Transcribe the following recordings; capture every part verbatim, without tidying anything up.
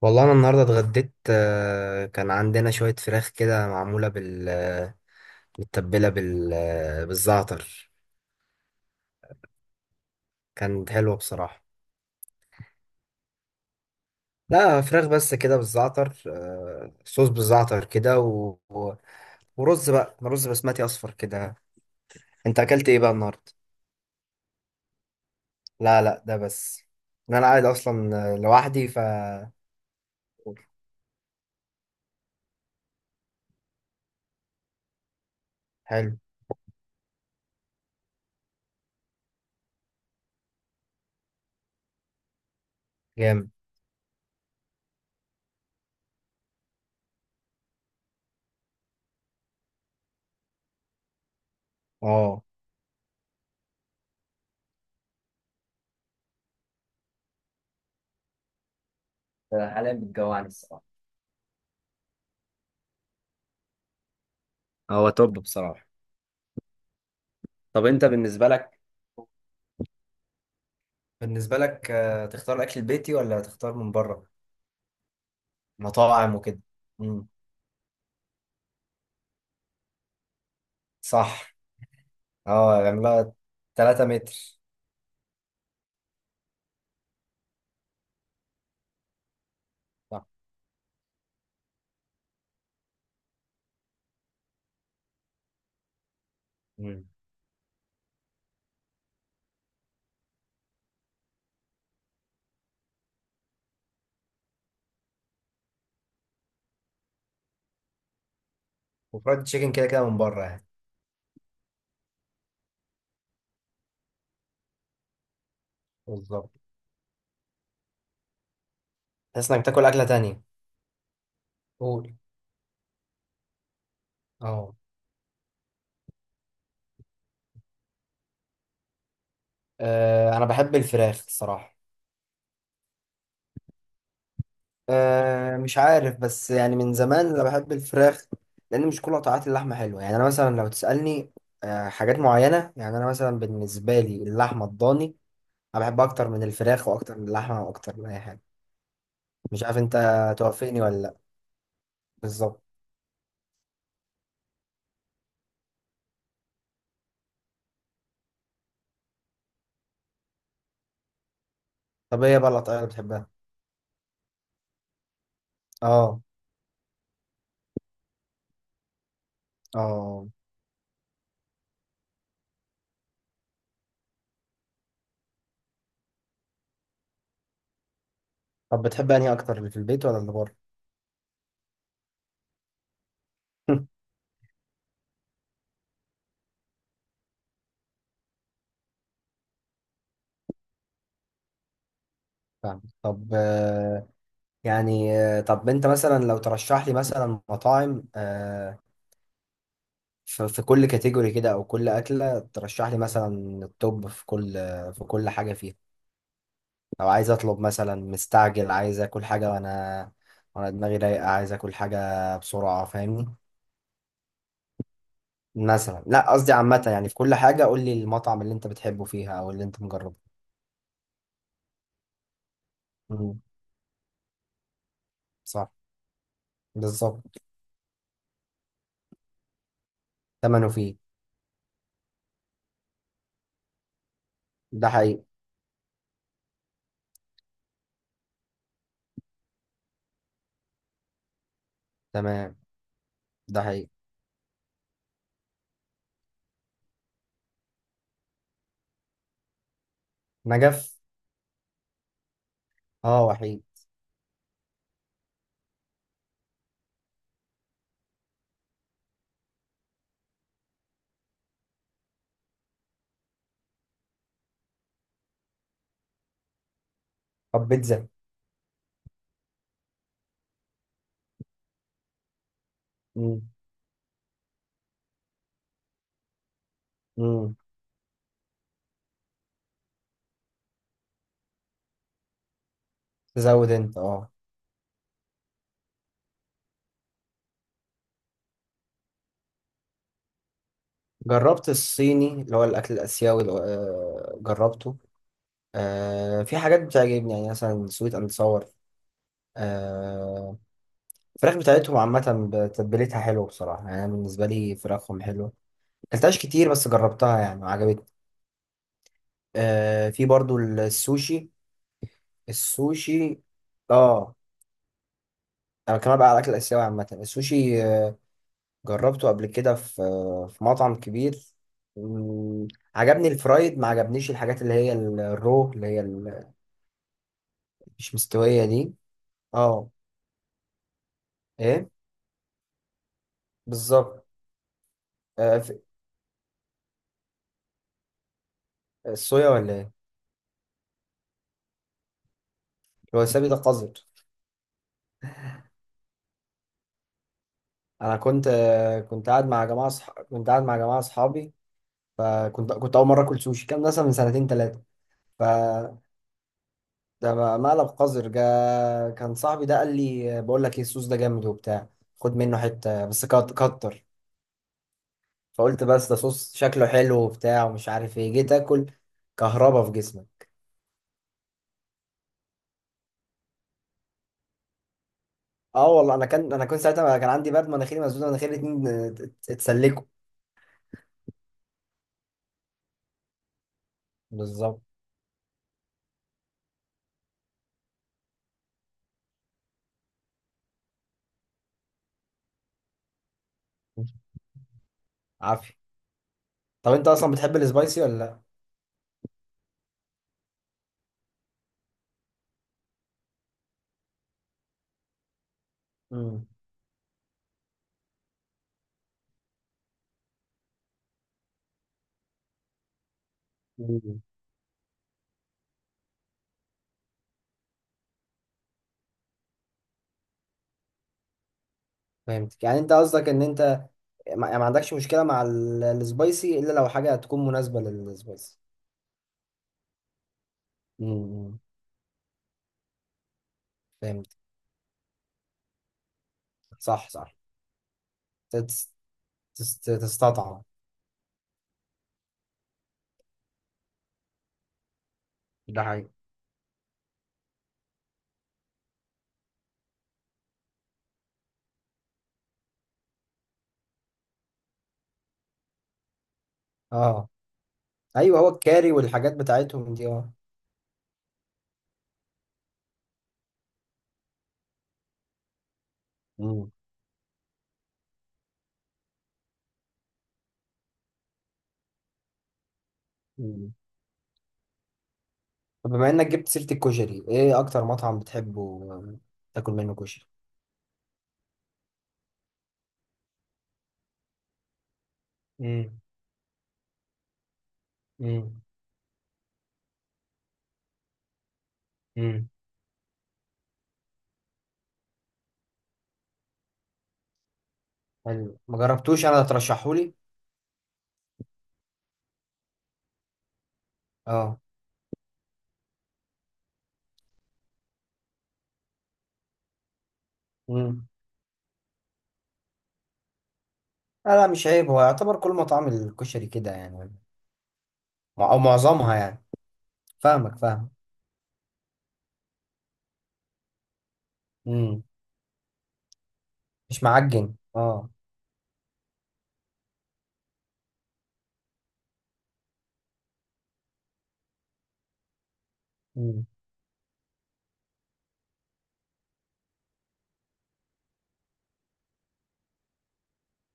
والله انا النهارده اتغديت آه، كان عندنا شويه فراخ كده معموله بال آه، متبله بال آه، بالزعتر. كانت حلوه بصراحه. لا، فراخ بس كده بالزعتر، آه، صوص بالزعتر كده و... و- ورز بقى، رز بسمتي اصفر كده. انت اكلت ايه بقى النهارده؟ لا لا، ده بس. إن انا قاعد اصلا آه، لوحدي ف حلو. جامد. اه. حاليا بتجوعني الصراحة. هو توب بصراحه. طب انت بالنسبة لك، بالنسبة لك آه، تختار الأكل البيتي ولا تختار من بره؟ مطاعم وكده. مم. صح. اه يعملها 3 متر. صح. مم. وفرايد تشيكن كده كده من بره يعني. بالظبط. تحس انك بتاكل أكلة تانية. قول. اه. آه، انا بحب الفراخ الصراحة. أه مش عارف، بس يعني من زمان انا بحب الفراخ. لان مش كل قطعات اللحمه حلوه يعني، انا مثلا لو تسالني أه حاجات معينه، يعني انا مثلا بالنسبه لي اللحمه الضاني، انا بحبها اكتر من الفراخ واكتر من اللحمه واكتر من اي حاجه. مش عارف انت، توافقني ولا لا. بالظبط. طب ايه بقى القطعية اللي بتحبها؟ اه. اه. طب بتحب انهي اكتر، اللي في البيت ولا اللي بره؟ فاهم. طب آه، يعني آه، طب انت مثلا لو ترشح لي مثلا مطاعم آه، ف- في كل كاتيجوري كده او كل اكله ترشح لي مثلا التوب، في كل، في كل حاجه فيها. لو عايز اطلب مثلا مستعجل، عايز اكل حاجه وانا، وانا دماغي رايقه، عايز اكل حاجه بسرعه، فاهمني. مثلا لا، قصدي عامة يعني، في كل حاجة قول لي المطعم اللي انت بتحبه فيها او اللي انت مجربه. مم. صح. بالظبط. ثمنه فيه. ده حقيقي. تمام. ده حقيقي. نجف. اه وحيد. طب بيتزا؟ مم. مم. تزود انت اه. جربت الصيني اللي هو الاكل الاسيوي اللي هو- آه جربته. آه، في حاجات بتعجبني، يعني مثلا سويت اند صور. آه. الفراخ بتاعتهم عامة بتتبيلتها حلو بصراحة، يعني أنا بالنسبة لي فراخهم حلوة. مكلتهاش كتير بس جربتها يعني وعجبتني. آه في برضو السوشي. السوشي. اه. انا كمان بقى على الاكل الاسيوي عامه، السوشي آه، جربته قبل كده في آه، في مطعم كبير. مم. عجبني الفرايد، ما عجبنيش الحاجات اللي هي ال- الرو اللي هي ال- مش مستويه دي. اه. ايه. بالظبط. آه في. الصويا ولا ايه؟ الوسابي ده قذر. انا كنت آه، كنت قاعد مع جماعه، صح، كنت قاعد مع جماعه اصحابي، فكنت كنت اول مره اكل سوشي، كان مثلا من سنتين، تلاتة. ده م- مقلب قذر جا. كان صاحبي ده قال لي، بقول لك ايه، الصوص ده جامد وبتاع. خد منه حته بس كت- كتر. فقلت بس ده صوص شكله حلو وبتاع ومش عارف ايه، جيت اكل، كهربا في جسمي. اه والله، انا كان، انا كنت ساعتها كان عندي برد، مناخيري مسدود، مناخيري الاتنين ات- ات- اتسلكوا. بالظبط. عافيه. طب انت اصلا بتحب السبايسي ولا لا؟ امم. مم. فهمتك يعني، انت قصدك ان انت، ما يعني ما عندكش مشكله مع ال- السبايسي الا لو حاجه تكون مناسبه للسبايسي. امم. فهمت. صح صح. تت- تست- تستطعم. ده حقيقي. اه ايوه، هو الكاري والحاجات بتاعتهم دي اه. مم. مم. طب بما انك جبت سيرة الكشري، ايه اكتر مطعم بتحبه آه، تاكل منه كشري؟ امم. امم. امم. حلو، ما جربتوش انا، ترشحولي. اه. امم. لا لا، مش عيب، هو يعتبر كل مطاعم الكشري كده يعني، او معظمها يعني. فاهمك، فاهم. امم. مش معجن اه.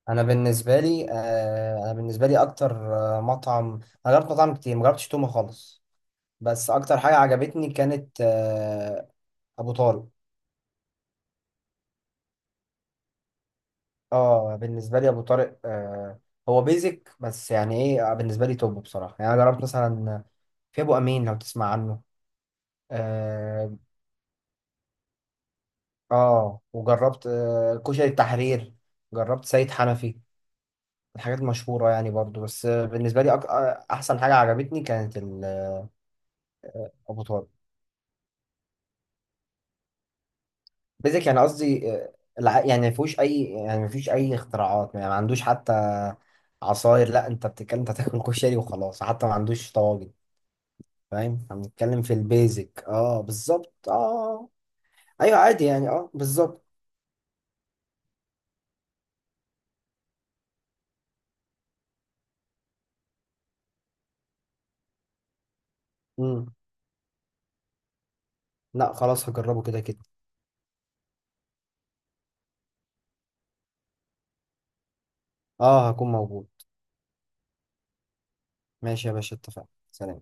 انا بالنسبه لي آه انا بالنسبه لي اكتر آه مطعم، انا جربت مطاعم كتير، ما جربتش تومه خالص، بس اكتر حاجه عجبتني كانت آه، ابو طارق. اه بالنسبه لي ابو طارق آه، هو بيزك بس يعني ايه آه، بالنسبه لي توب بصراحه، يعني انا جربت مثلا، في ابو امين لو تسمع عنه. اه. آه وجربت آه كشري التحرير، جربت سيد حنفي، الحاجات المشهوره يعني برضو، بس آه بالنسبه لي أك... آه، احسن حاجه عجبتني كانت ال- ابو طارق. بيزك يعني قصدي آه، الع- يعني ما فيهوش اي، يعني ما فيش اي اختراعات، يعني ما عندوش حتى عصاير، لا انت بتتكلم، انت تاكل كشري وخلاص، حتى ما عندوش طواجن. فاهم، احنا بنتكلم في البيزك اه بالظبط اه. ايوه عادي يعني اه بالظبط. امم. لا خلاص، هجربه كده كده. اه هكون موجود. ماشي يا باشا، اتفقنا، سلام.